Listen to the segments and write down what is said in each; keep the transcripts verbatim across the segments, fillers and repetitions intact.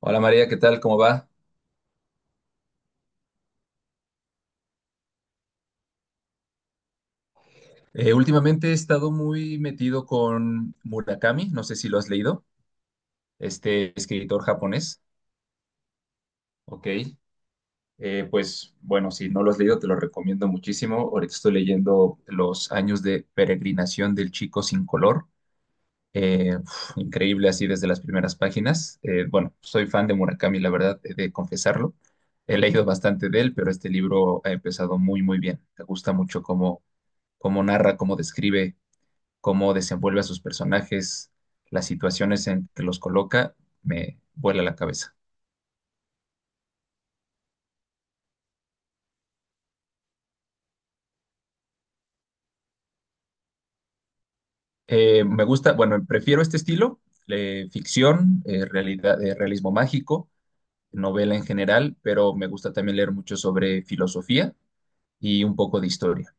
Hola María, ¿qué tal? ¿Cómo va? Eh, últimamente he estado muy metido con Murakami, no sé si lo has leído, este escritor japonés. Ok. Eh, pues bueno, si no lo has leído te lo recomiendo muchísimo. Ahorita estoy leyendo Los años de peregrinación del chico sin color. Eh, uf, increíble así desde las primeras páginas. Eh, bueno, soy fan de Murakami, la verdad, he de confesarlo. He leído bastante de él, pero este libro ha empezado muy, muy bien. Me gusta mucho cómo, cómo narra, cómo describe, cómo desenvuelve a sus personajes, las situaciones en que los coloca, me vuela la cabeza. Eh, me gusta, bueno, prefiero este estilo, eh, ficción, eh, realidad, eh, realismo mágico, novela en general, pero me gusta también leer mucho sobre filosofía y un poco de historia.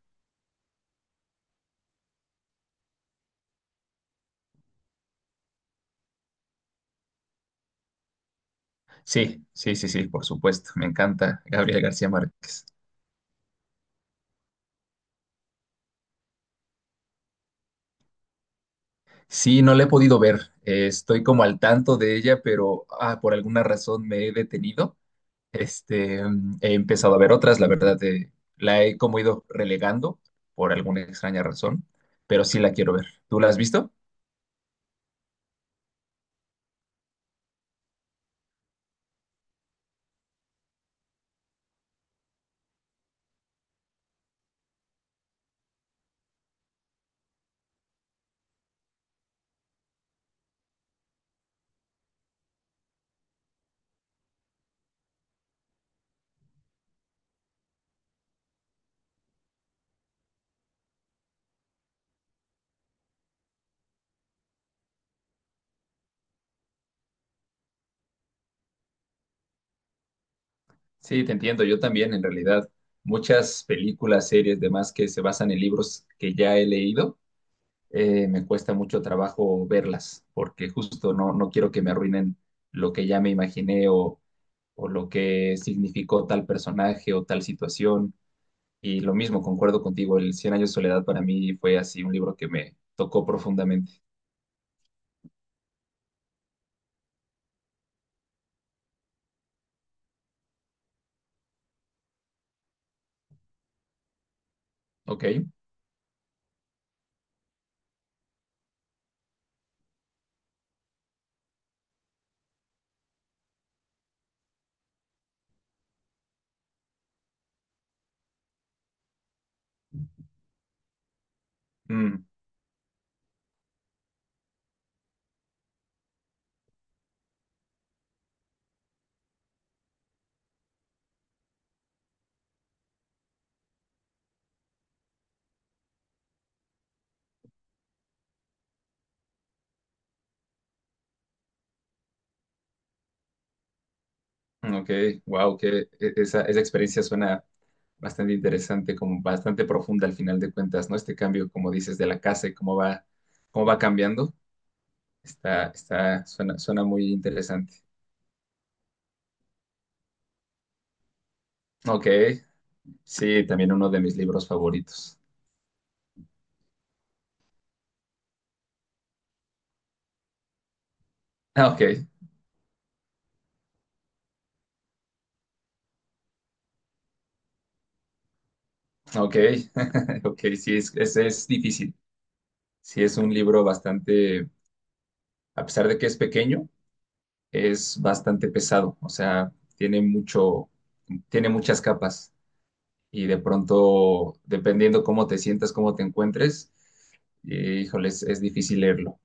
Sí, sí, sí, sí, por supuesto, me encanta Gabriel García Márquez. Sí, no la he podido ver, eh, estoy como al tanto de ella, pero ah, por alguna razón me he detenido. Este, mm, he empezado a ver otras, la verdad, eh, la he como ido relegando por alguna extraña razón, pero sí la quiero ver. ¿Tú la has visto? Sí, te entiendo, yo también, en realidad. Muchas películas, series, demás que se basan en libros que ya he leído, eh, me cuesta mucho trabajo verlas, porque justo no, no quiero que me arruinen lo que ya me imaginé o, o lo que significó tal personaje o tal situación. Y lo mismo, concuerdo contigo, el Cien años de soledad para mí fue así un libro que me tocó profundamente. Ok. mm, mm, ok, wow, que e- esa, esa experiencia suena bastante interesante, como bastante profunda al final de cuentas, ¿no? Este cambio, como dices, de la casa y cómo va, cómo va cambiando, está, está, suena, suena muy interesante. Ok, sí, también uno de mis libros favoritos. Ah, ok, ok, ok, sí, es, es, es difícil. Sí, es un libro bastante, a pesar de que es pequeño, es bastante pesado, o sea, tiene mucho, tiene muchas capas y de pronto, dependiendo cómo te sientas, cómo te encuentres, eh, híjole, es, es difícil leerlo.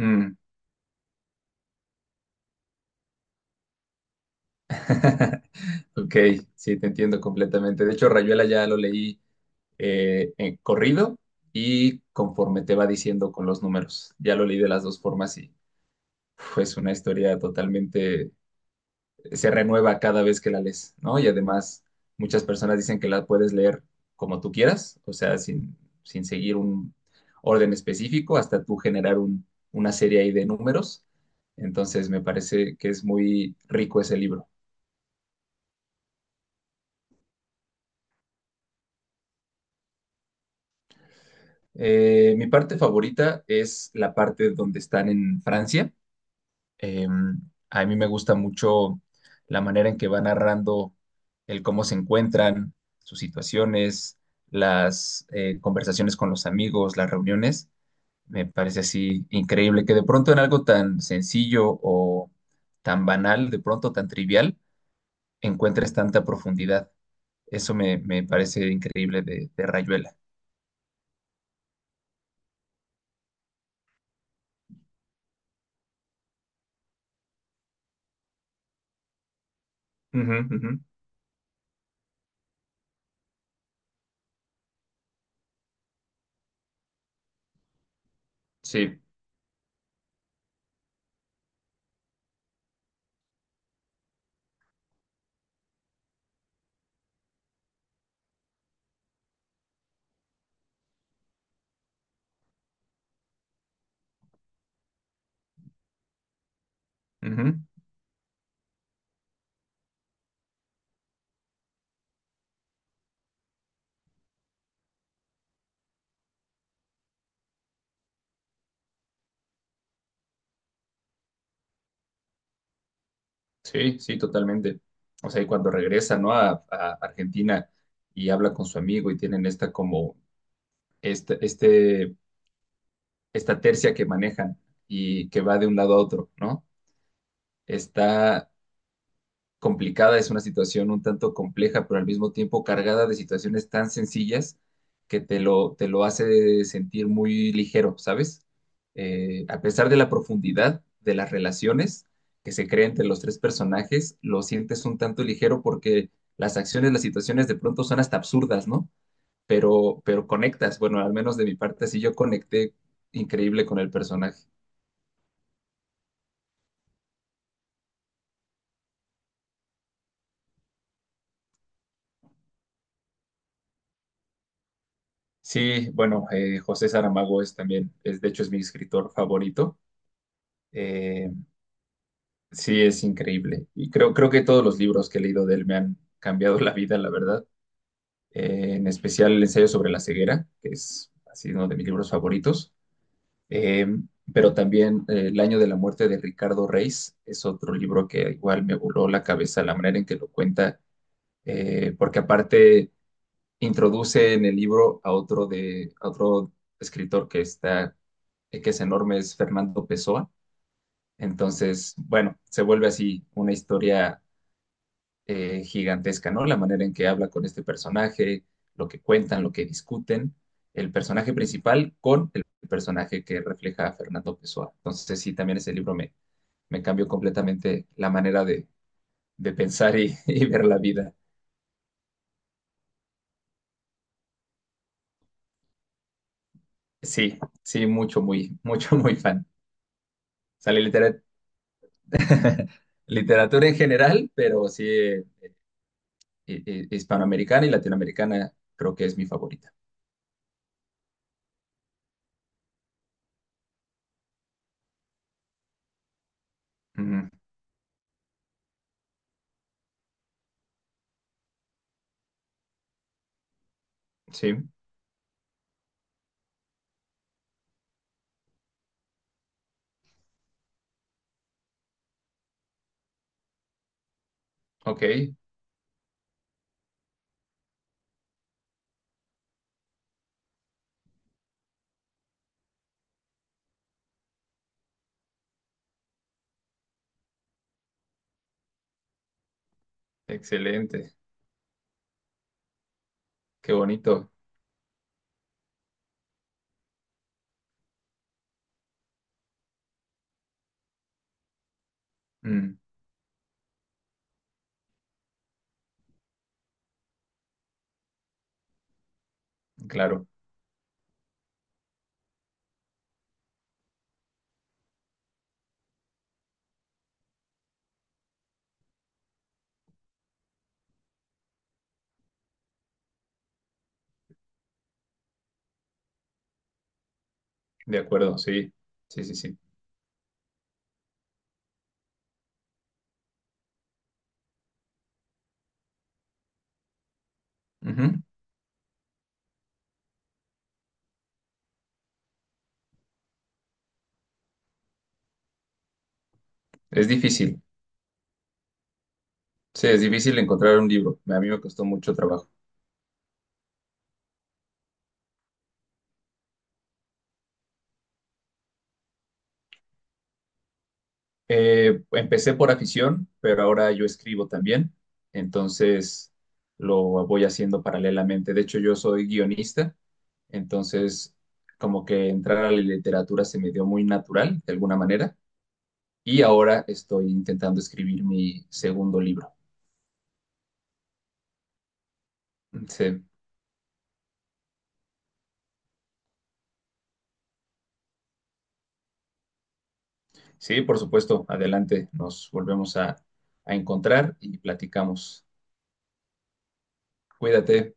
Mm. Ok, sí, te entiendo completamente. De hecho, Rayuela ya lo leí, eh, en corrido y conforme te va diciendo con los números. Ya lo leí de las dos formas y uf, es una historia totalmente, se renueva cada vez que la lees, ¿no? Y además, muchas personas dicen que la puedes leer como tú quieras, o sea, sin, sin seguir un orden específico, hasta tú generar un- una serie ahí de números. Entonces, me parece que es muy rico ese libro. Eh, mi parte favorita es la parte donde están en Francia. Eh, a mí me gusta mucho la manera en que va narrando el cómo se encuentran, sus situaciones, las eh, conversaciones con los amigos, las reuniones. Me parece así increíble que de pronto en algo tan sencillo o tan banal, de pronto tan trivial, encuentres tanta profundidad. Eso me, me parece increíble de, de Rayuela. Ujú, ujú. Sí. Ujú. Sí, sí, totalmente. O sea, y cuando regresa, ¿no? A, a Argentina y habla con su amigo y tienen esta como, este, este, esta tercia que manejan y que va de un lado a otro, ¿no? Está complicada, es una situación un tanto compleja, pero al mismo tiempo cargada de situaciones tan sencillas que te lo, te lo hace sentir muy ligero, ¿sabes? Eh, a pesar de la profundidad de las relaciones que se crean entre los tres personajes, lo sientes un tanto ligero porque las acciones, las situaciones de pronto son hasta absurdas, ¿no? Pero, pero conectas, bueno, al menos de mi parte, sí yo conecté increíble con el personaje. Sí, bueno, eh, José Saramago es también, es, de hecho es mi escritor favorito. Eh, sí, es increíble. Y creo, creo que todos los libros que he leído de él me han cambiado la vida, la verdad. Eh, en especial el ensayo sobre la ceguera, que es así uno de mis libros favoritos. Eh, pero también eh, El año de la muerte de Ricardo Reis es otro libro que igual me voló la cabeza la manera en que lo cuenta, eh, porque aparte introduce en el libro a otro, de, a otro escritor que está, eh, que es enorme, es Fernando Pessoa. Entonces, bueno, se vuelve así una historia eh, gigantesca, ¿no? La manera en que habla con este personaje, lo que cuentan, lo que discuten, el personaje principal con el personaje que refleja a Fernando Pessoa. Entonces, sí, también ese libro me, me cambió completamente la manera de, de pensar y, y ver la vida. Sí, sí, mucho, muy, mucho, muy fan. Sale litera- literatura en general, pero sí, eh, hi- hi- hispanoamericana y latinoamericana creo que es mi favorita. Ujú, sí, ok, excelente, qué bonito. Mm, claro, de acuerdo, sí, sí, sí, sí. Ujú. Es difícil, sí, es difícil encontrar un libro. A mí me costó mucho trabajo. Eh, empecé por afición, pero ahora yo escribo también, entonces lo voy haciendo paralelamente. De hecho, yo soy guionista, entonces como que entrar a la literatura se me dio muy natural, de alguna manera, y ahora estoy intentando escribir mi segundo libro. Sí. Sí, por supuesto. Adelante. Nos volvemos a, a encontrar y platicamos. Cuídate.